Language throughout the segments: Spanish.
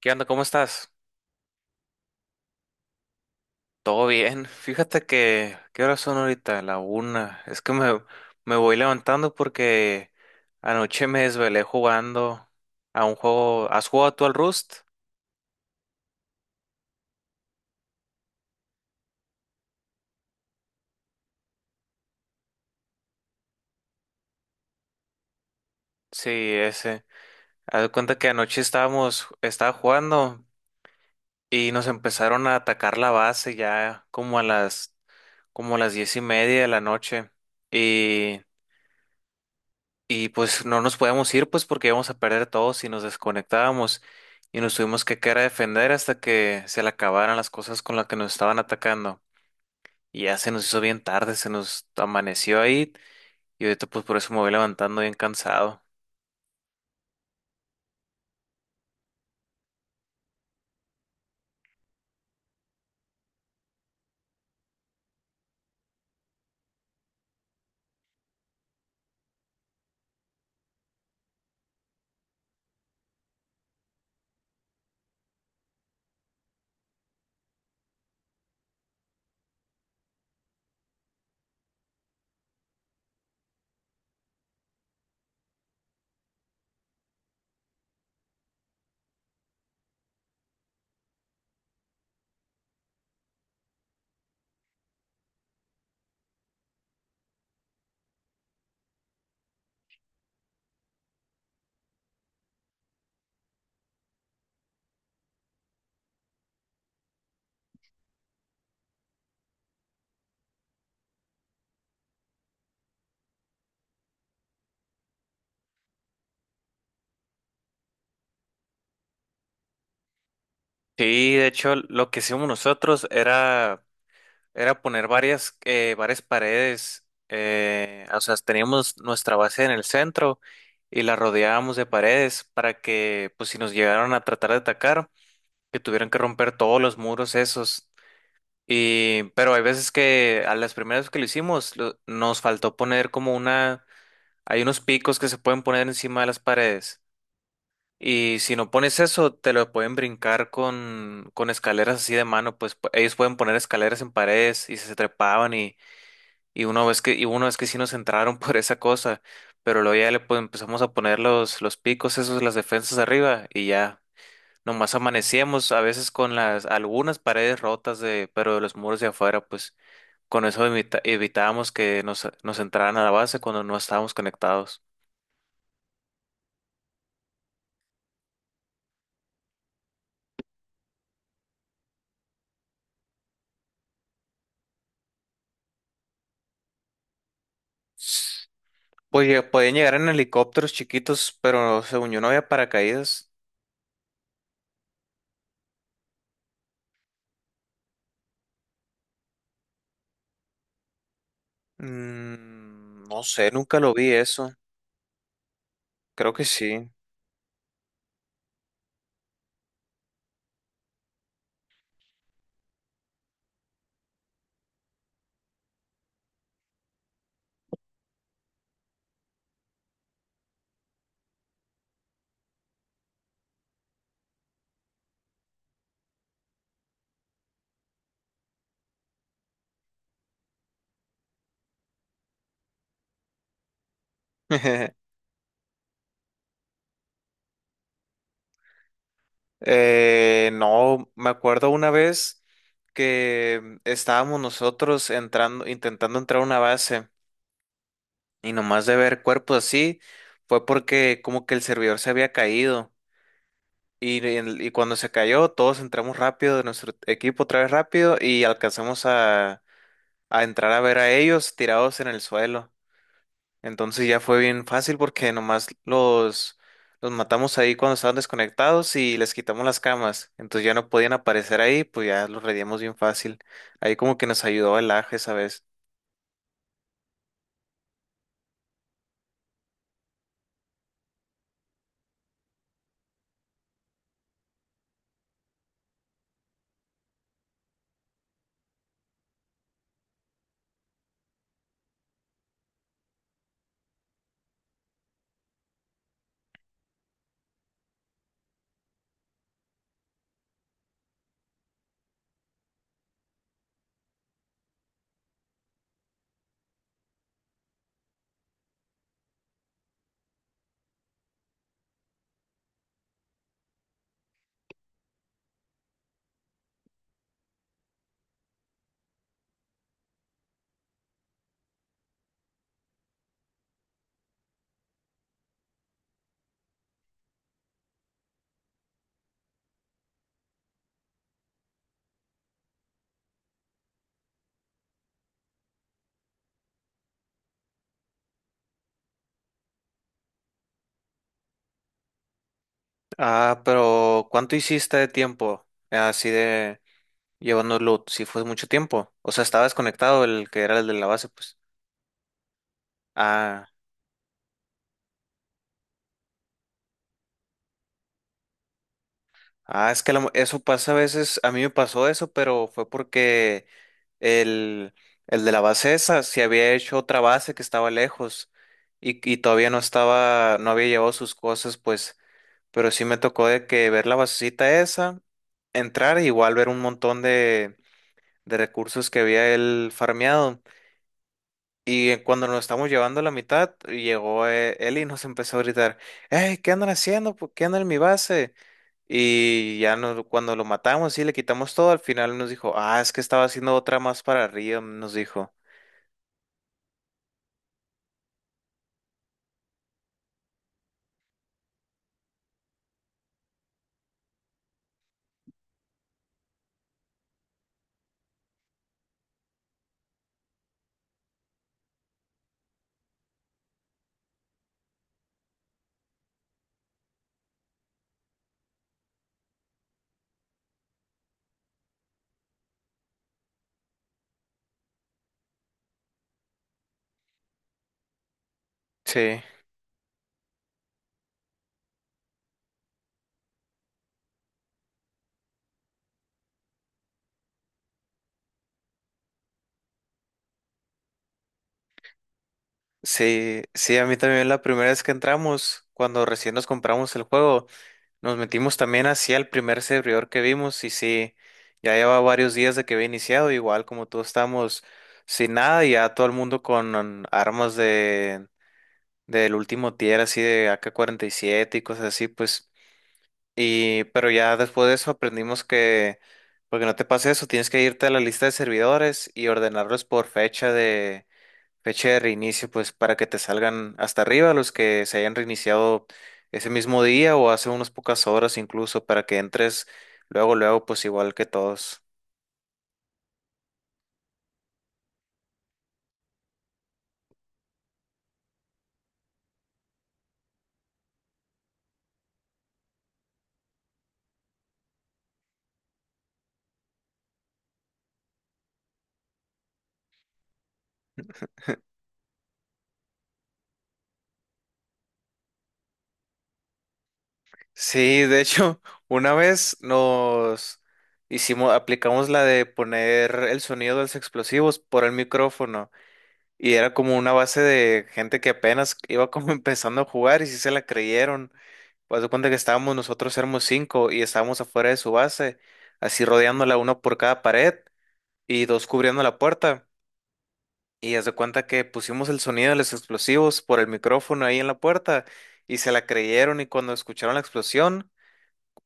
¿Qué onda? ¿Cómo estás? Todo bien. Fíjate que, ¿qué horas son ahorita? La una. Me voy levantando porque anoche me desvelé jugando a un juego. ¿Has jugado tú al Rust? Sí, ese. Haz de cuenta que estaba jugando y nos empezaron a atacar la base ya como a las diez y media de la noche. y Y pues no nos podíamos ir, pues porque íbamos a perder todos si nos desconectábamos y nos tuvimos que quedar a defender hasta que se le acabaran las cosas con las que nos estaban atacando. Y ya se nos hizo bien tarde, se nos amaneció ahí y ahorita pues por eso me voy levantando bien cansado. Sí, de hecho lo que hicimos nosotros era, era poner varias, varias paredes, o sea, teníamos nuestra base en el centro y la rodeábamos de paredes para que pues si nos llegaron a tratar de atacar que tuvieron que romper todos los muros esos. Y, pero hay veces que a las primeras que lo hicimos nos faltó poner hay unos picos que se pueden poner encima de las paredes. Y si no pones eso, te lo pueden brincar con escaleras así de mano, pues ellos pueden poner escaleras en paredes y se trepaban y, y una vez que sí nos entraron por esa cosa, pero luego ya le pues, empezamos a poner los picos, esos, las defensas arriba y ya. Nomás amanecíamos a veces con las algunas paredes rotas de, pero de los muros de afuera, pues con eso evitábamos que nos entraran a la base cuando no estábamos conectados. Pues ya podían llegar en helicópteros chiquitos, pero según yo no había paracaídas. No sé, nunca lo vi eso. Creo que sí. No, me acuerdo una vez que estábamos nosotros intentando entrar a una base. Y nomás de ver cuerpos así, fue porque como que el servidor se había caído. Y, y cuando se cayó, todos entramos rápido de nuestro equipo otra vez rápido y alcanzamos a entrar a ver a ellos tirados en el suelo. Entonces ya fue bien fácil porque nomás los matamos ahí cuando estaban desconectados y les quitamos las camas. Entonces ya no podían aparecer ahí, pues ya los reíamos bien fácil. Ahí como que nos ayudó el aje esa vez. Ah, pero ¿cuánto hiciste de tiempo? Así de... Llevándolo, si fue mucho tiempo. O sea, estaba desconectado el que era el de la base, pues. Ah, ah, eso pasa a veces. A mí me pasó eso, pero fue porque el, el de la base esa se había hecho otra base que estaba lejos y todavía no estaba, no había llevado sus cosas, pues. Pero sí me tocó de que ver la basecita esa, entrar, e igual ver un montón de recursos que había él farmeado. Y cuando nos estamos llevando a la mitad, llegó él y nos empezó a gritar, ¡Ey! ¿Qué andan haciendo? ¿Por qué andan en mi base? Y cuando lo matamos y le quitamos todo, al final nos dijo, ah, es que estaba haciendo otra más para arriba, nos dijo. Sí, sí, sí, a mí también la primera vez que entramos, cuando recién nos compramos el juego, nos metimos también hacia el primer servidor que vimos y sí, ya lleva varios días de que había iniciado, igual como todos estamos sin nada y ya todo el mundo con armas de del último tier así de AK-47 y siete y cosas así, pues. Y, pero ya después de eso aprendimos que, porque no te pase eso, tienes que irte a la lista de servidores y ordenarlos por fecha de reinicio, pues para que te salgan hasta arriba los que se hayan reiniciado ese mismo día o hace unas pocas horas incluso, para que entres luego, luego, pues igual que todos. Sí, de hecho, una vez aplicamos la de poner el sonido de los explosivos por el micrófono y era como una base de gente que apenas iba como empezando a jugar y sí se la creyeron. Pues, haz de cuenta que estábamos nosotros, éramos cinco y estábamos afuera de su base, así rodeándola uno por cada pared y dos cubriendo la puerta. Y haz de cuenta que pusimos el sonido de los explosivos por el micrófono ahí en la puerta y se la creyeron y cuando escucharon la explosión.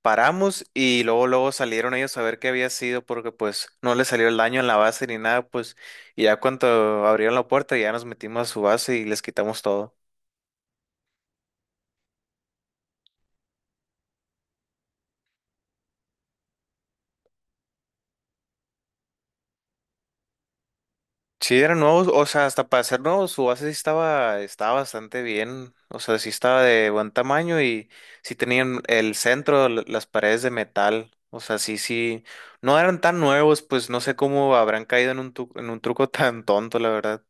Paramos y luego, luego salieron ellos a ver qué había sido porque pues no les salió el daño en la base ni nada, pues y ya cuando abrieron la puerta ya nos metimos a su base y les quitamos todo. Sí, eran nuevos, o sea, hasta para ser nuevos, su base sí estaba bastante bien, o sea, sí estaba de buen tamaño y sí tenían el centro, las paredes de metal, o sea, sí, sí, no eran tan nuevos, pues no sé cómo habrán caído en en un truco tan tonto, la verdad.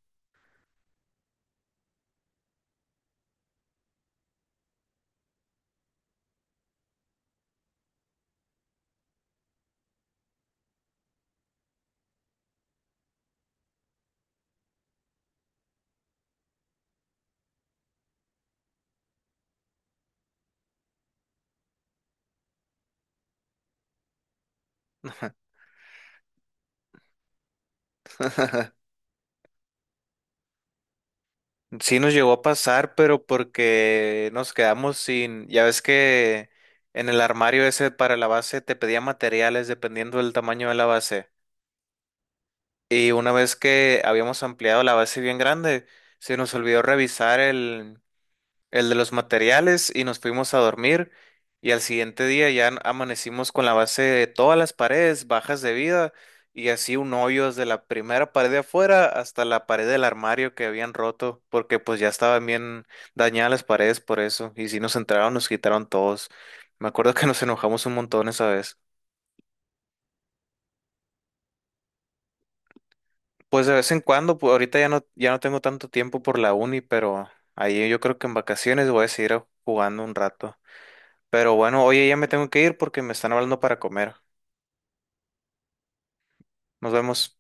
Sí nos llegó a pasar, pero porque nos quedamos sin, ya ves que en el armario ese para la base te pedía materiales dependiendo del tamaño de la base. Y una vez que habíamos ampliado la base bien grande, se nos olvidó revisar el de los materiales y nos fuimos a dormir y al siguiente día ya amanecimos con la base de todas las paredes bajas de vida y así un hoyo desde la primera pared de afuera hasta la pared del armario que habían roto porque pues ya estaban bien dañadas las paredes por eso y si nos entraron nos quitaron todos. Me acuerdo que nos enojamos un montón esa vez. Pues de vez en cuando, pues ahorita ya no, ya no tengo tanto tiempo por la uni, pero ahí yo creo que en vacaciones voy a seguir jugando un rato. Pero bueno, oye, ya me tengo que ir porque me están hablando para comer. Nos vemos.